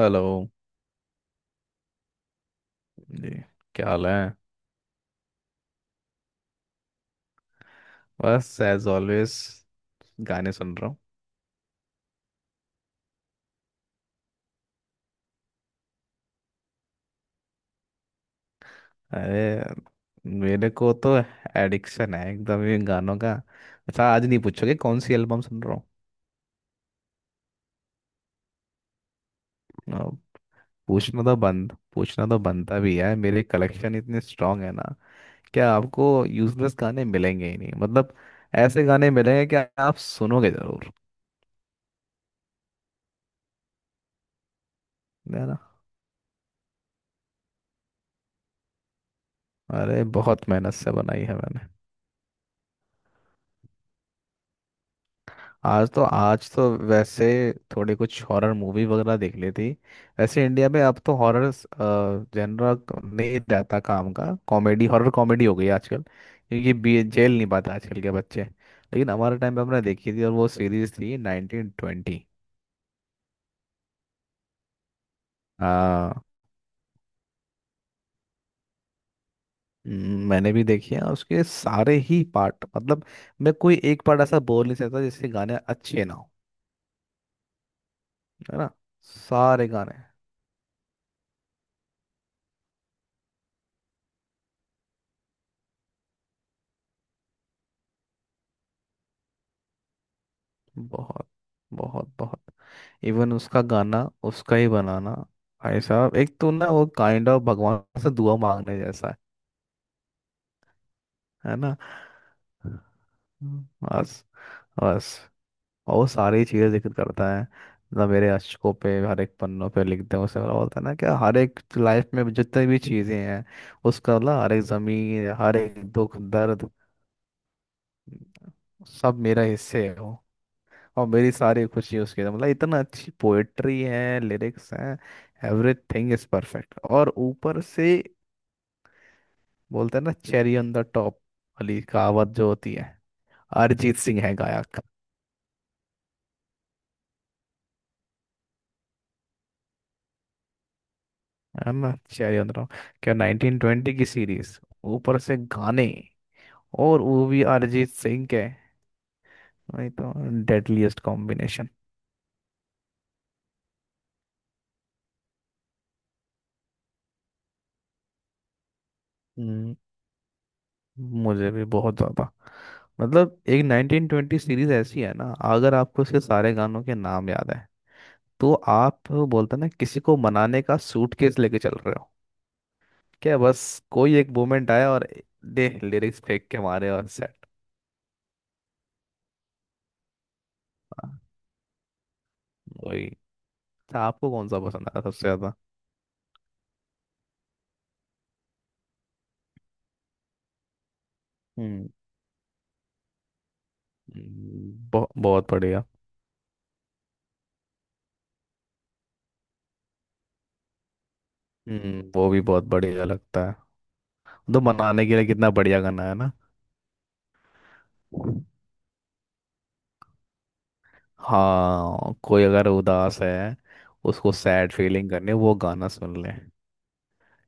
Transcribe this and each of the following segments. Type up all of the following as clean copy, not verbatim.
Hello जी। क्या हाल है? बस एज ऑलवेज गाने सुन रहा हूँ। अरे मेरे को तो एडिक्शन है एकदम ये गानों का। अच्छा, आज नहीं पूछोगे कौन सी एल्बम सुन रहा हूँ? पूछना तो बनता भी है। मेरे कलेक्शन इतने स्ट्रांग है ना, क्या आपको यूजलेस गाने मिलेंगे ही नहीं। मतलब ऐसे गाने मिलेंगे कि आप सुनोगे जरूर। है ना। अरे बहुत मेहनत से बनाई है मैंने। आज तो वैसे थोड़ी कुछ हॉरर मूवी वगैरह देख ली थी। वैसे इंडिया में अब तो हॉरर जनरल नहीं रहता काम का। कॉमेडी हॉरर कॉमेडी हो गई आजकल, क्योंकि बी जेल नहीं पाते आजकल के बच्चे। लेकिन हमारे टाइम पे हमने देखी थी, और वो सीरीज थी नाइनटीन ट्वेंटी। हाँ। मैंने भी देखी है, और उसके सारे ही पार्ट मतलब मैं कोई एक पार्ट ऐसा बोल नहीं सकता जिसके गाने अच्छे ना हो। है ना। सारे गाने बहुत बहुत बहुत इवन उसका गाना, उसका ही बनाना भाई साहब एक तो ना वो काइंड ऑफ भगवान से दुआ मांगने जैसा है। है ना। हम्म। बस, बस और वो सारी चीजें जिक्र करता है। मतलब मेरे अशकों पे हर एक पन्नों पे लिखते हैं उसे, मतलब होता है ना क्या, हर एक लाइफ में जितनी भी चीजें हैं, उसका मतलब हर एक जमीन, हर एक दुख दर्द सब मेरा हिस्से है वो। और मेरी सारी खुशी उसके अंदर। मतलब इतना अच्छी पोएट्री है, लिरिक्स हैं, एवरीथिंग इज परफेक्ट। और ऊपर से बोलते हैं ना चेरी ऑन द टॉप वाली कहावत जो होती है, अरिजीत सिंह है गायक। है ना, चेरी ऑन द टॉप। क्या नाइनटीन ट्वेंटी की सीरीज, ऊपर से गाने, और वो भी अरिजीत सिंह के। वही तो, डेडलीस्ट कॉम्बिनेशन। हम्म, मुझे भी बहुत ज्यादा। मतलब एक नाइनटीन ट्वेंटी सीरीज ऐसी है ना, अगर आपको उसके सारे गानों के नाम याद है तो आप बोलते हैं ना किसी को मनाने का सूटकेस लेके चल रहे हो। क्या बस, कोई एक मोमेंट आया और दे लिरिक्स फेंक के मारे और सेट। वही। अच्छा, आपको कौन सा पसंद आया सबसे ज्यादा? हम्म बहुत बढ़िया। हम्म, वो भी बहुत बढ़िया लगता है। तो मनाने के लिए कितना बढ़िया गाना है ना। हाँ, कोई अगर उदास है, उसको सैड फीलिंग करनी है, वो गाना सुन ले।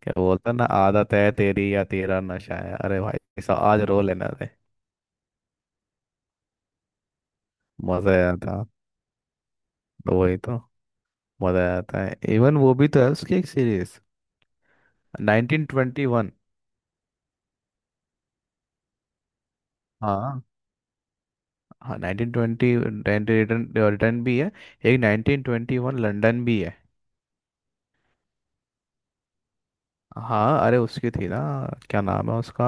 क्या बोलता है ना, आदत है तेरी या तेरा नशा है, अरे भाई साहब आज रो लेना रे। मजा आया था। वही तो। मजा आता है। इवन वो भी तो है उसकी एक सीरीज, 1921। हाँ। हाँ, 1920 रिटर्न रिटर्न भी है, एक 1921 लंदन भी है। हाँ, अरे उसकी थी ना, क्या नाम है उसका,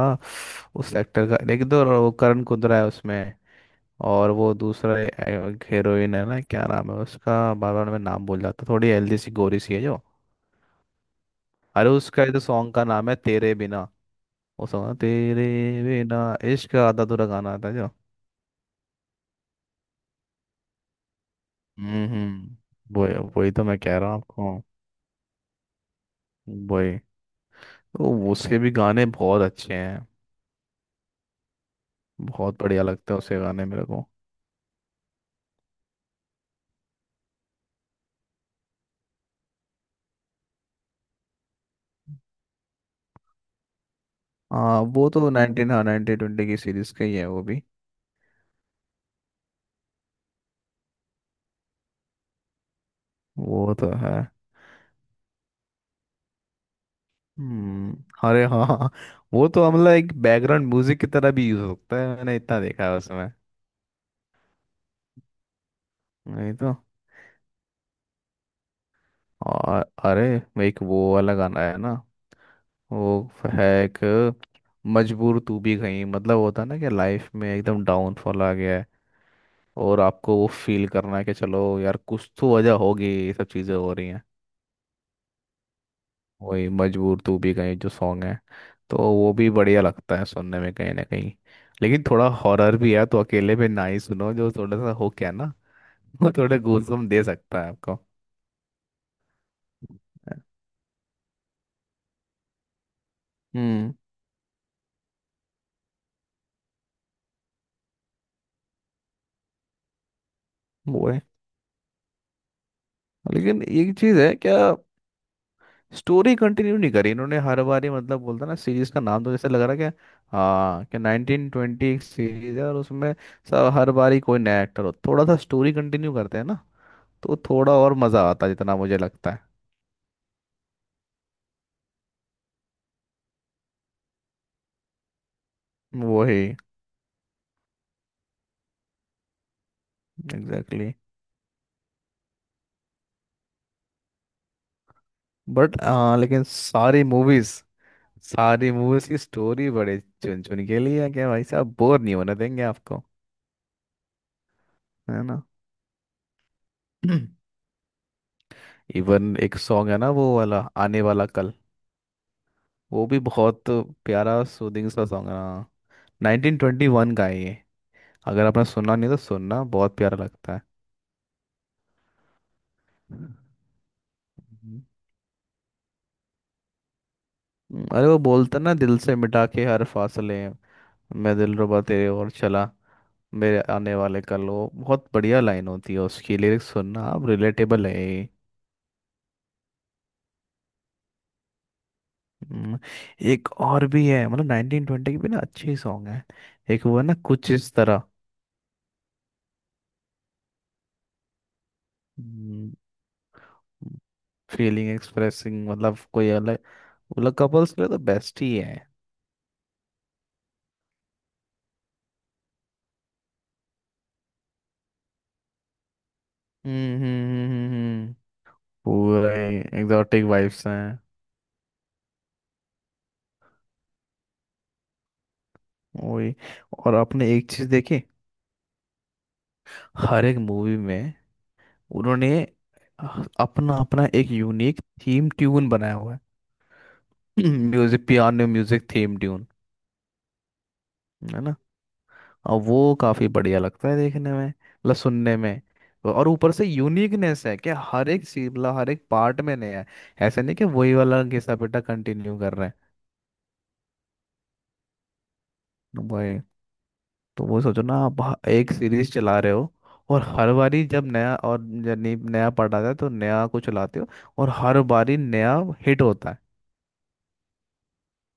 उस एक्टर का? एक तो वो करण कुंद्रा है उसमें, और वो दूसरा हीरोइन है ना, क्या नाम है उसका? बार बार मैं नाम भूल जाता। थोड़ी हेल्दी सी, गोरी सी है जो। अरे उसका ये तो सॉन्ग का नाम है तेरे बिना। वो सॉन्ग, तेरे बिना इश्क आधा अधूरा गाना आता है जो। हम्म हम्म, वो वही तो मैं कह रहा हूँ आपको। वही तो। उसके भी गाने बहुत अच्छे हैं। बहुत बढ़िया लगता है उसके गाने मेरे को। हाँ, वो तो नाइनटीन ट्वेंटी की सीरीज का ही है वो भी। वो तो है। हम्म। अरे हाँ हाँ, हाँ। वो तो मतलब एक बैकग्राउंड म्यूजिक की तरह भी यूज होता है, मैंने इतना देखा है उसमें। नहीं तो। और अरे वो एक वो वाला गाना है ना, वो है एक, मजबूर तू भी कहीं। मतलब होता है ना कि लाइफ में एकदम डाउनफॉल आ गया है, और आपको वो फील करना है कि चलो यार कुछ तो वजह होगी ये सब चीज़ें हो रही हैं। वही मजबूर तू भी कहीं जो सॉन्ग है, तो वो भी बढ़िया लगता है सुनने में कहीं ना कहीं। लेकिन थोड़ा हॉरर भी है, तो अकेले में ना ही सुनो जो थोड़ा सा हो क्या ना। वो थोड़े गूज़बम्प दे सकता है आपको। हम्म। वो है। लेकिन एक चीज़ है क्या, स्टोरी कंटिन्यू नहीं करी इन्होंने हर बार ही। मतलब बोलता ना सीरीज का नाम तो जैसे लग रहा क्या। हाँ, कि नाइनटीन ट्वेंटी एक सीरीज है और उसमें सब हर बार ही कोई नया एक्टर हो, थोड़ा सा स्टोरी कंटिन्यू करते हैं ना, तो थोड़ा और मजा आता है जितना मुझे लगता है। वही, एग्जैक्टली। बट हाँ, लेकिन सारी मूवीज, सारी मूवीज की स्टोरी बड़े चुन चुन के लिए है। क्या भाई साहब बोर नहीं होने देंगे आपको। है ना। इवन एक सॉन्ग है ना वो वाला, आने वाला कल, वो भी बहुत प्यारा सूदिंग सा सॉन्ग है हाँ। 1921 का है ये। अगर आपने सुना नहीं तो सुनना, बहुत प्यारा लगता है। हम्म। हम्म, अरे वो बोलता ना, दिल से मिटा के हर फासले मैं दिलरुबा तेरे और चला मेरे आने वाले कल। वो बहुत बढ़िया लाइन होती है उसकी। लिरिक्स सुनना आप, रिलेटेबल है ये। हम्म, एक और भी है। मतलब 1920 के भी ना अच्छे सॉन्ग है। एक वो है ना, कुछ इस तरह। फीलिंग एक्सप्रेसिंग, मतलब कोई अलग, मतलब कपल्स के लिए तो बेस्ट ही है। हम्म हम्म हम्म हम्म, हम्म। पूरा ही एग्जॉटिक वाइब्स हैं। वही। और आपने एक चीज देखी, हर एक मूवी में उन्होंने अपना अपना एक यूनिक थीम ट्यून बनाया हुआ है। Music, piano music theme tune. है ना। और वो काफी बढ़िया लगता है देखने में, मतलब सुनने में। और ऊपर से यूनिकनेस है कि हर एक सी मतलब हर एक पार्ट में नया है। ऐसा नहीं कि वही वाला घिसा पिटा कंटिन्यू कर रहे हैं। वही तो। वो सोचो ना, आप ह- एक सीरीज चला रहे हो, और हर बारी जब नया, और यानी नया पार्ट आता है तो नया को चलाते हो, और हर बारी नया हिट होता है।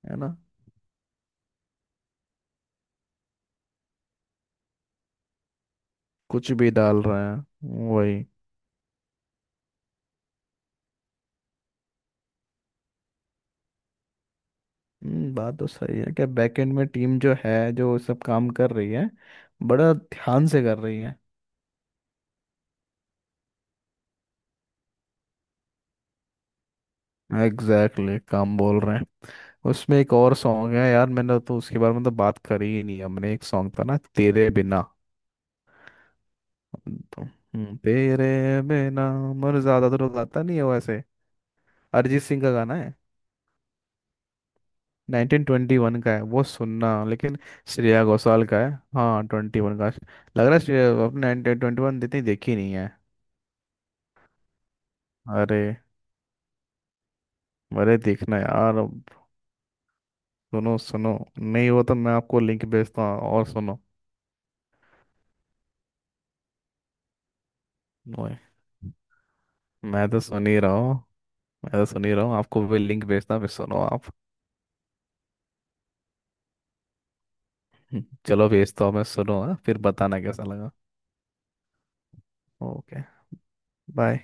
है ना। कुछ भी डाल रहे हैं वही। बात तो सही है कि बैकएंड में टीम जो है जो सब काम कर रही है, बड़ा ध्यान से कर रही है। एग्जैक्टली exactly, काम बोल रहे हैं। उसमें एक और सॉन्ग है यार, मैंने तो उसके बारे में तो बात करी ही नहीं हमने, एक सॉन्ग था ना, तेरे बिना। तो तेरे बिना। मर ज्यादा तो रुलाता नहीं है वो ऐसे। अरिजीत सिंह का गाना है। 1921 का है वो, सुनना लेकिन। श्रेया घोषाल का है। हाँ, 21 का। लग रहा है श्रेया अपने। 1921 इतनी देखी नहीं है। अरे। अरे देखना यार अब, सुनो सुनो, नहीं हो तो मैं आपको लिंक भेजता हूँ, और सुनो। ओए, मैं तो सुन ही रहा हूँ। मैं तो सुन ही रहा हूँ, आपको भी लिंक भेजता हूँ फिर सुनो आप। चलो भेजता हूँ मैं, सुनो हाँ? फिर बताना कैसा लगा। ओके। बाय।